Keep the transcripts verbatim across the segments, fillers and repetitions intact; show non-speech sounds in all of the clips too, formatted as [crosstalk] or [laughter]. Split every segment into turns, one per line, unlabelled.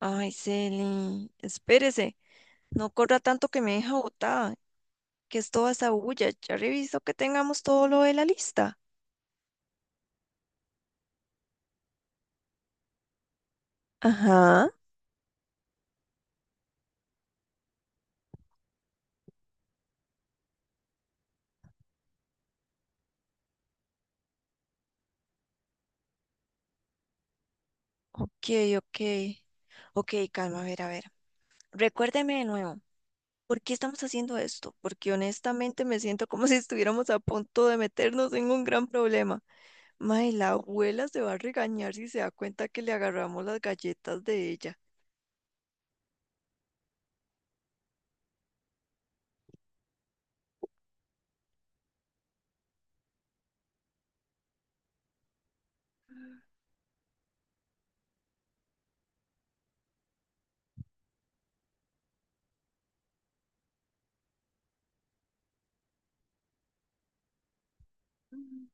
Ay, Celi, espérese, no corra tanto que me deja botada, que es toda esa bulla. Ya reviso que tengamos todo lo de la lista. Ajá. Ok, ok. Ok, calma, a ver, a ver. Recuérdeme de nuevo, ¿por qué estamos haciendo esto? Porque honestamente me siento como [laughs] si estuviéramos a punto de meternos en un gran problema. Mae, la abuela se va a regañar si se da cuenta que le agarramos las galletas de ella. Mm.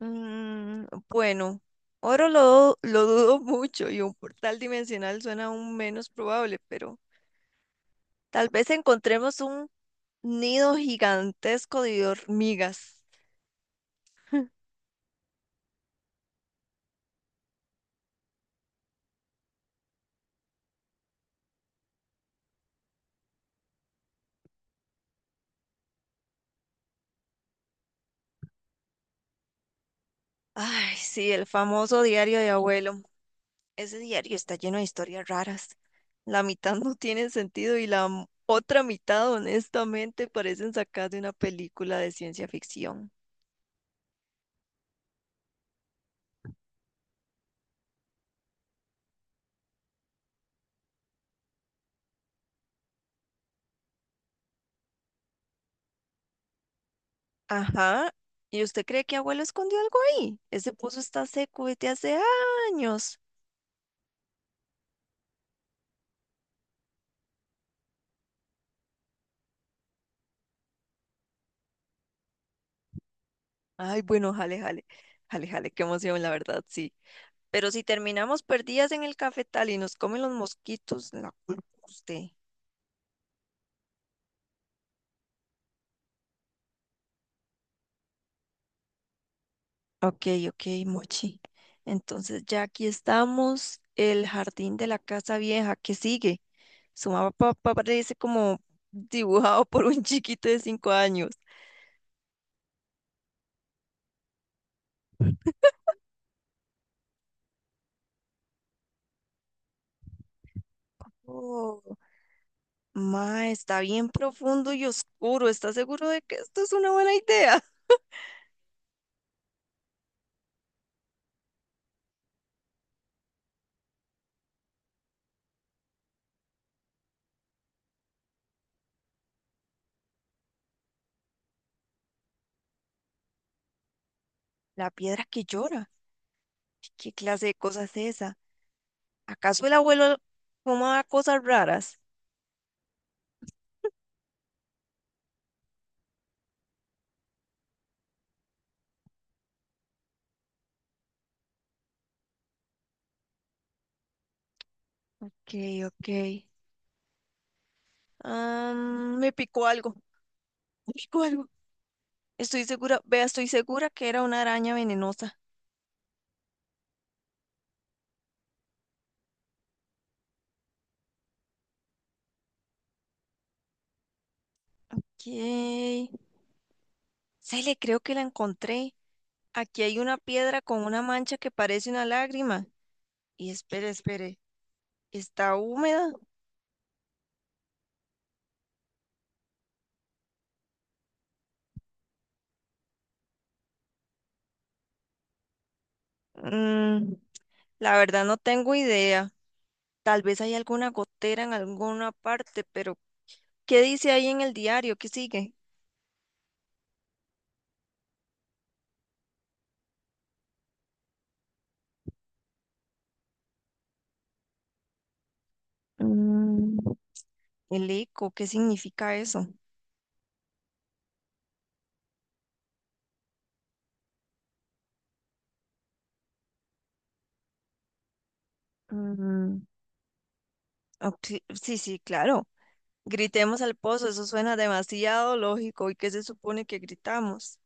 Mm, bueno, oro lo, lo dudo mucho y un portal dimensional suena aún menos probable, pero tal vez encontremos un nido gigantesco de hormigas. Ay, sí, el famoso diario de abuelo. Ese diario está lleno de historias raras. La mitad no tiene sentido y la m- otra mitad, honestamente, parecen sacadas de una película de ciencia ficción. Ajá. ¿Y usted cree que abuelo escondió algo ahí? Ese pozo está seco desde hace años. Ay, bueno, jale, jale. Jale, jale, qué emoción, la verdad, sí. Pero si terminamos perdidas en el cafetal y nos comen los mosquitos, la culpa es usted. Ok, ok, Mochi. Entonces ya aquí estamos, el jardín de la casa vieja, ¿qué sigue? Su mapa parece como dibujado por un chiquito de cinco años. Oh, ma, está bien profundo y oscuro. ¿Estás seguro de que esto es una buena idea? La piedra que llora. ¿Qué clase de cosa es esa? ¿Acaso el abuelo fumaba cosas raras? Ok, ok. Am, me picó algo, [laughs] me picó algo. Estoy segura, vea, estoy segura que era una araña venenosa. ¿Qué? Se le creo que la encontré. Aquí hay una piedra con una mancha que parece una lágrima. Y espere, espere, ¿está húmeda? Mm, la verdad no tengo idea. Tal vez hay alguna gotera en alguna parte, pero ¿qué dice ahí en el diario? ¿Qué sigue? Mm, el eco, ¿qué significa eso? Mm, ok, sí, sí, claro. Gritemos al pozo, eso suena demasiado lógico. ¿Y qué se supone que gritamos?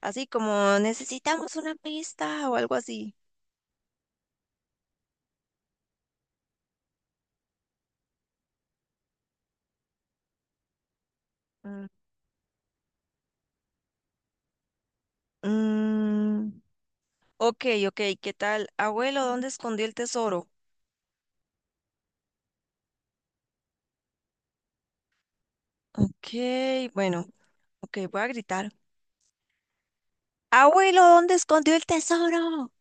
Así como necesitamos una pista o algo así. Mm, mm, ok, ok, ¿qué tal? Abuelo, ¿dónde escondió el tesoro? Ok, bueno, ok, voy a gritar. Abuelo, ¿dónde escondió el tesoro?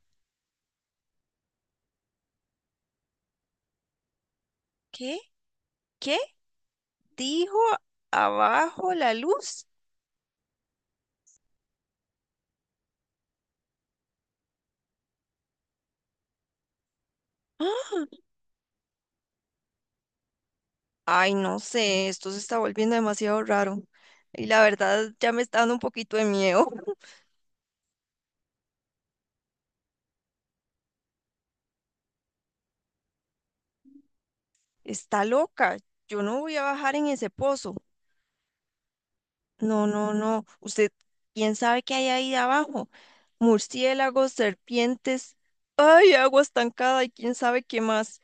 ¿Qué? ¿Qué? ¿Dijo abajo la luz? ¡Ah! Ay, no sé, esto se está volviendo demasiado raro. Y la verdad ya me está dando un poquito de miedo. Está loca. Yo no voy a bajar en ese pozo. No, no, no. Usted, ¿quién sabe qué hay ahí abajo? Murciélagos, serpientes. Ay, agua estancada y quién sabe qué más.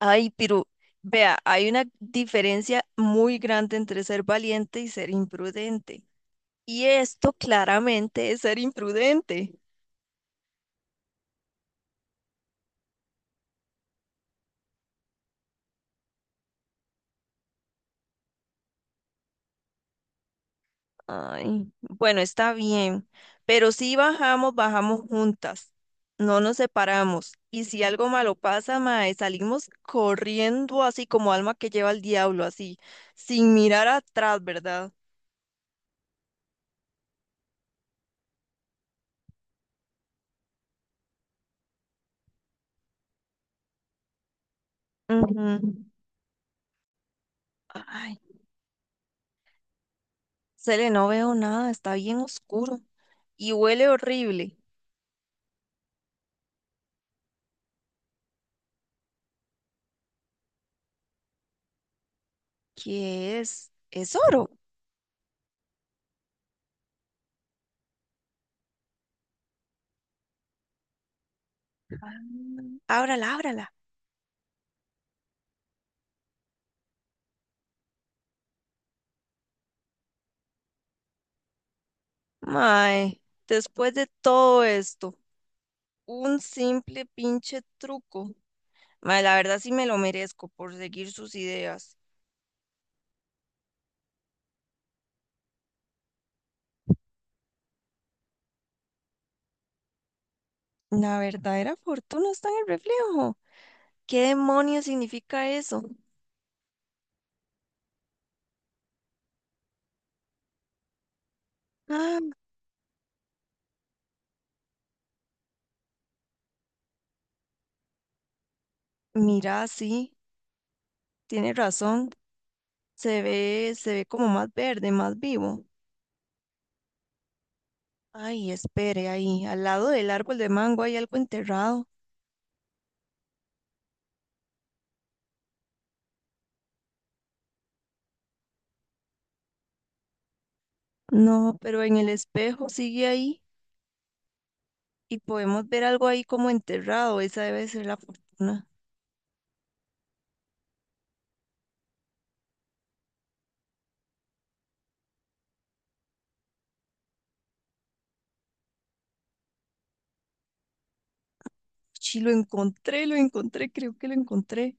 Ay, pero vea, hay una diferencia muy grande entre ser valiente y ser imprudente. Y esto claramente es ser imprudente. Ay, bueno, está bien, pero si bajamos, bajamos juntas, no nos separamos. Y si algo malo pasa, mae, salimos corriendo así como alma que lleva el diablo, así, sin mirar atrás, ¿verdad? Ujú. Ay, Cele, no veo nada, está bien oscuro y huele horrible. ¿Qué es? Es oro. Ábrala, ábrala. Mae, después de todo esto, un simple pinche truco. Mae, la verdad sí me lo merezco por seguir sus ideas. La verdadera fortuna está en el reflejo. ¿Qué demonios significa eso? Ah, mira, sí, tiene razón. Se ve, se ve como más verde, más vivo. Ay, espere, ahí, al lado del árbol de mango hay algo enterrado. No, pero en el espejo sigue ahí y podemos ver algo ahí como enterrado. Esa debe ser la fortuna. Sí, lo encontré, lo encontré, creo que lo encontré.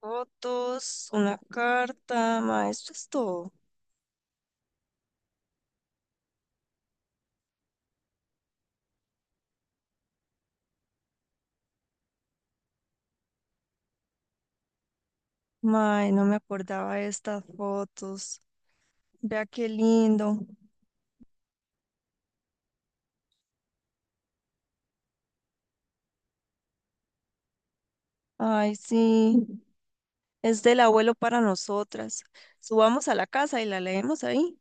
Fotos, una carta, ma, esto es todo. Ma, no me acordaba de estas fotos. Vea qué lindo. Ay, sí, es del abuelo para nosotras. Subamos a la casa y la leemos ahí.